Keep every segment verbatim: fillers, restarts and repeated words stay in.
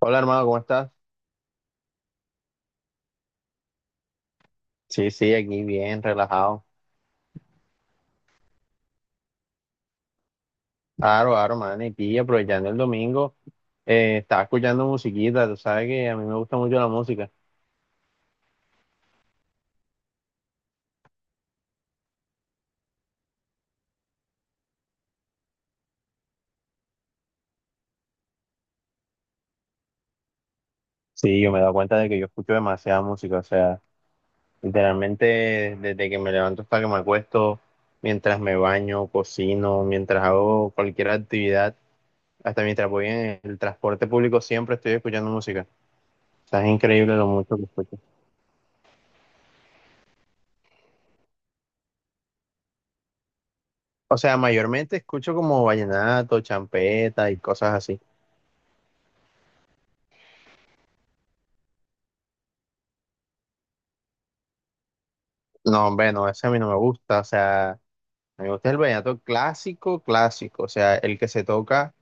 Hola hermano, ¿cómo estás? Sí, sí, aquí bien, relajado. Claro, claro, man, y pilla, aprovechando el domingo, eh, estaba escuchando musiquita, tú sabes que a mí me gusta mucho la música. Sí, yo me he dado cuenta de que yo escucho demasiada música, o sea, literalmente desde que me levanto hasta que me acuesto, mientras me baño, cocino, mientras hago cualquier actividad, hasta mientras voy en el transporte público, siempre estoy escuchando música. O sea, es increíble lo mucho que escucho. O sea, mayormente escucho como vallenato, champeta y cosas así. No, hombre, no, ese a mí no me gusta. O sea, a mí me gusta el vallenato clásico, clásico. O sea, el que se toca,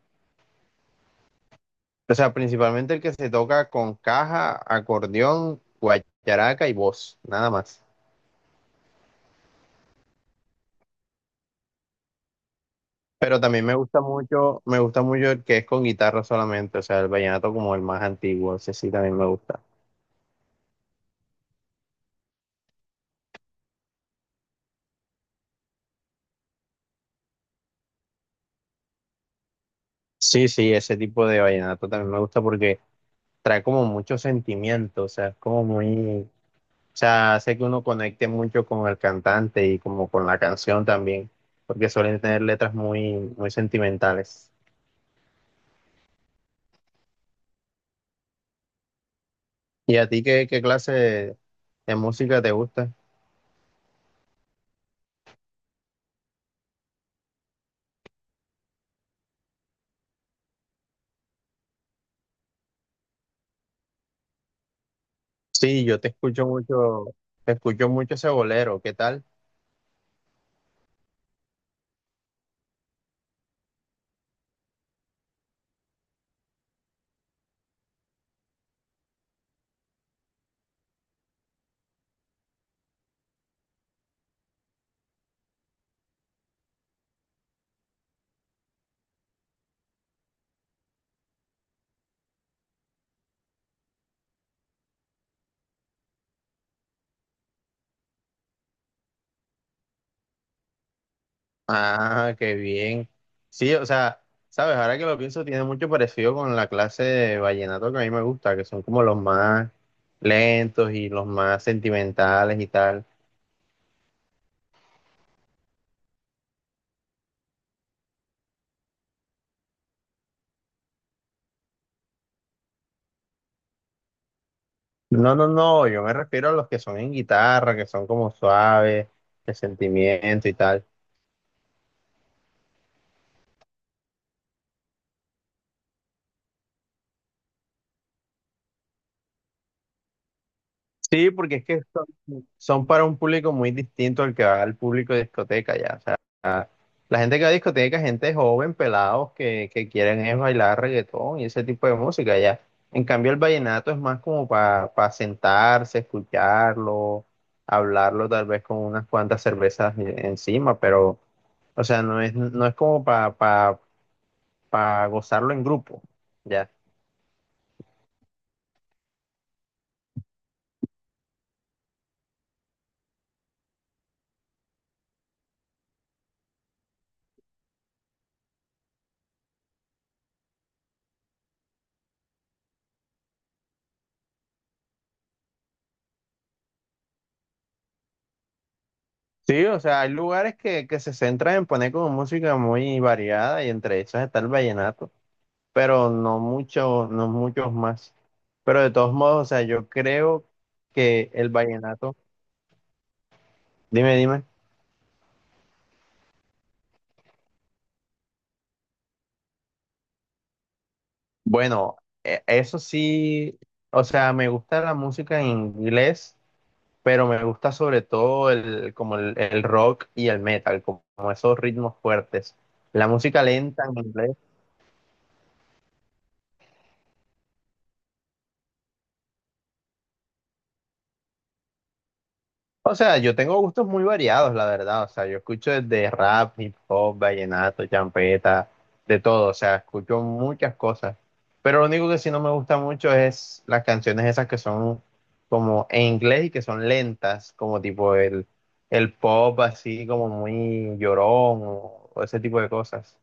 o sea, principalmente el que se toca con caja, acordeón, guacharaca y voz, nada más. Pero también me gusta mucho, me gusta mucho el que es con guitarra solamente. O sea, el vallenato como el más antiguo, ese sí también me gusta. Sí, sí, ese tipo de vallenato también me gusta porque trae como mucho sentimiento. O sea, es como muy. O sea, hace que uno conecte mucho con el cantante y como con la canción también, porque suelen tener letras muy, muy sentimentales. ¿Y a ti qué, qué clase de, de música te gusta? Sí, yo te escucho mucho, te escucho mucho ese bolero, ¿qué tal? Ah, qué bien. Sí, o sea, sabes, ahora que lo pienso, tiene mucho parecido con la clase de vallenato que a mí me gusta, que son como los más lentos y los más sentimentales y tal. No, no, no, yo me refiero a los que son en guitarra, que son como suaves, de sentimiento y tal. Sí, porque es que son, son para un público muy distinto al que va al público de discoteca ya. O sea, la gente que va a discoteca, es gente joven, pelados, que, que quieren es bailar reggaetón y ese tipo de música ya. En cambio, el vallenato es más como para sentarse, escucharlo, hablarlo tal vez con unas cuantas cervezas encima, pero... O sea, no es, no es como para para gozarlo en grupo, ya. Sí, o sea, hay lugares que, que se centran en poner como música muy variada y entre esas está el vallenato, pero no muchos, no muchos más. Pero de todos modos, o sea, yo creo que el vallenato, dime, dime. Bueno, e- eso sí, o sea, me gusta la música en inglés, pero me gusta sobre todo el, como el, el rock y el metal, como, como esos ritmos fuertes. La música lenta en inglés. O sea, yo tengo gustos muy variados, la verdad. O sea, yo escucho desde rap, hip hop, vallenato, champeta, de todo. O sea, escucho muchas cosas. Pero lo único que sí no me gusta mucho es las canciones esas que son como en inglés y que son lentas, como tipo el, el pop así como muy llorón o, o ese tipo de cosas.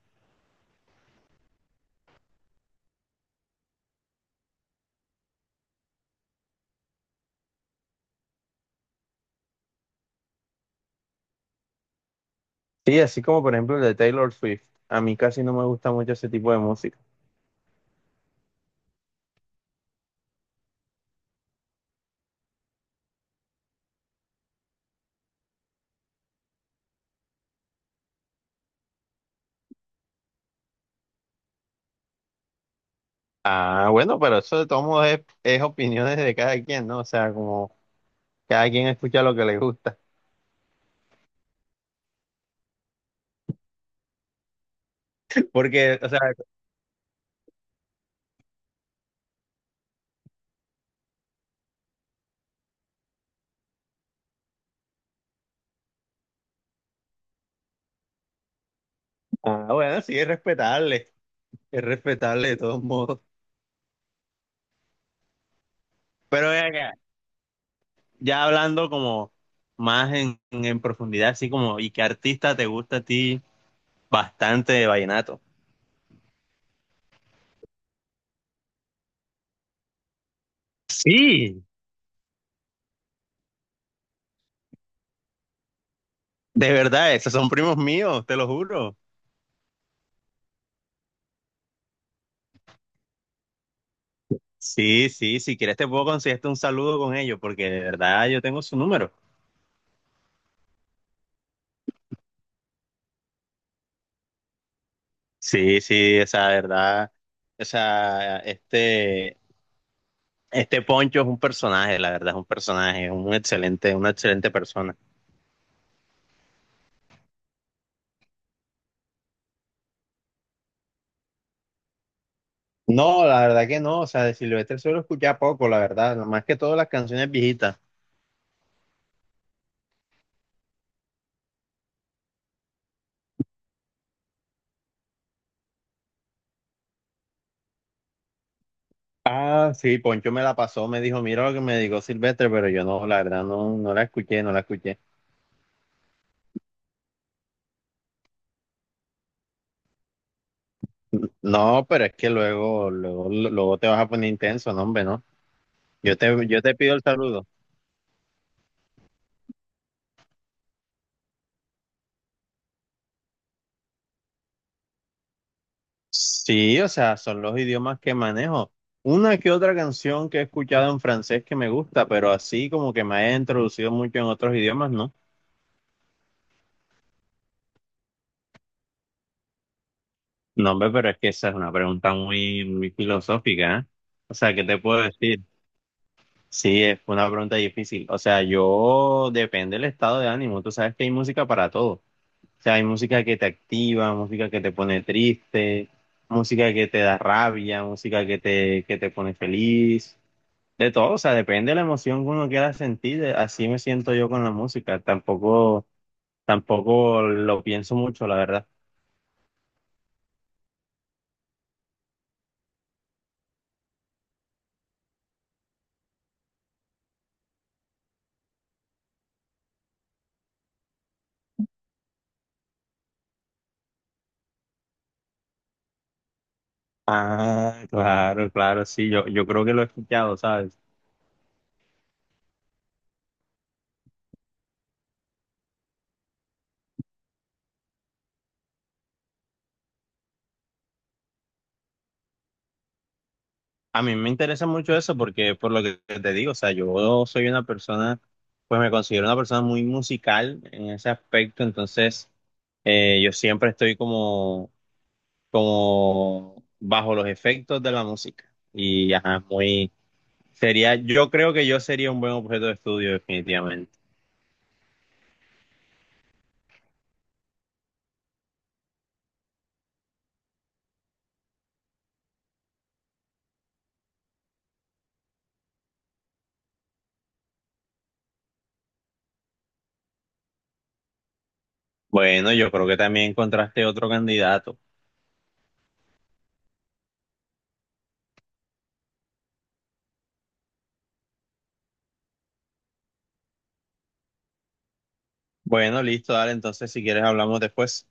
Sí, así como por ejemplo el de Taylor Swift. A mí casi no me gusta mucho ese tipo de música. Ah, bueno, pero eso de todos modos es, es opiniones de cada quien, ¿no? O sea, como... Cada quien escucha lo que le gusta. Porque, o sea, ah, bueno, sí, es respetable. Es respetable de todos modos. Pero ven acá, ya hablando como más en, en profundidad, así como, ¿y qué artista te gusta a ti bastante de vallenato? Sí, de verdad, esos son primos míos, te lo juro. Sí, sí, si quieres te puedo conseguirte un saludo con ellos, porque de verdad yo tengo su número. Sí, sí, o sea, de verdad, o sea, este, Este Poncho es un personaje, la verdad, es un personaje, es un excelente, una excelente persona. No, la verdad que no, o sea, de Silvestre solo escuchaba poco, la verdad, más que todas las canciones viejitas. Ah, sí, Poncho me la pasó, me dijo, mira lo que me dijo Silvestre, pero yo no, la verdad, no, no la escuché, no la escuché. No, pero es que luego, luego, luego te vas a poner intenso, no, hombre, no. Yo te, yo te pido el saludo. Sí, o sea, son los idiomas que manejo. Una que otra canción que he escuchado en francés que me gusta, pero así como que me haya introducido mucho en otros idiomas, ¿no? No, hombre, pero es que esa es una pregunta muy, muy filosófica, ¿eh? O sea, ¿qué te puedo decir? Sí, es una pregunta difícil. O sea, yo depende del estado de ánimo. Tú sabes que hay música para todo. O sea, hay música que te activa, música que te pone triste, música que te da rabia, música que te, que te pone feliz. De todo, o sea, depende de la emoción que uno quiera sentir, de- así me siento yo con la música, tampoco, tampoco lo pienso mucho, la verdad. Ah, claro, claro, sí, yo, yo creo que lo he escuchado, ¿sabes? A mí me interesa mucho eso porque, por lo que te digo, o sea, yo soy una persona, pues me considero una persona muy musical en ese aspecto, entonces eh, yo siempre estoy como, como bajo los efectos de la música y, ajá, muy... Sería, yo creo que yo sería un buen objeto de estudio, definitivamente. Bueno, yo creo que también encontraste otro candidato. Bueno, listo, dale, entonces si quieres hablamos después.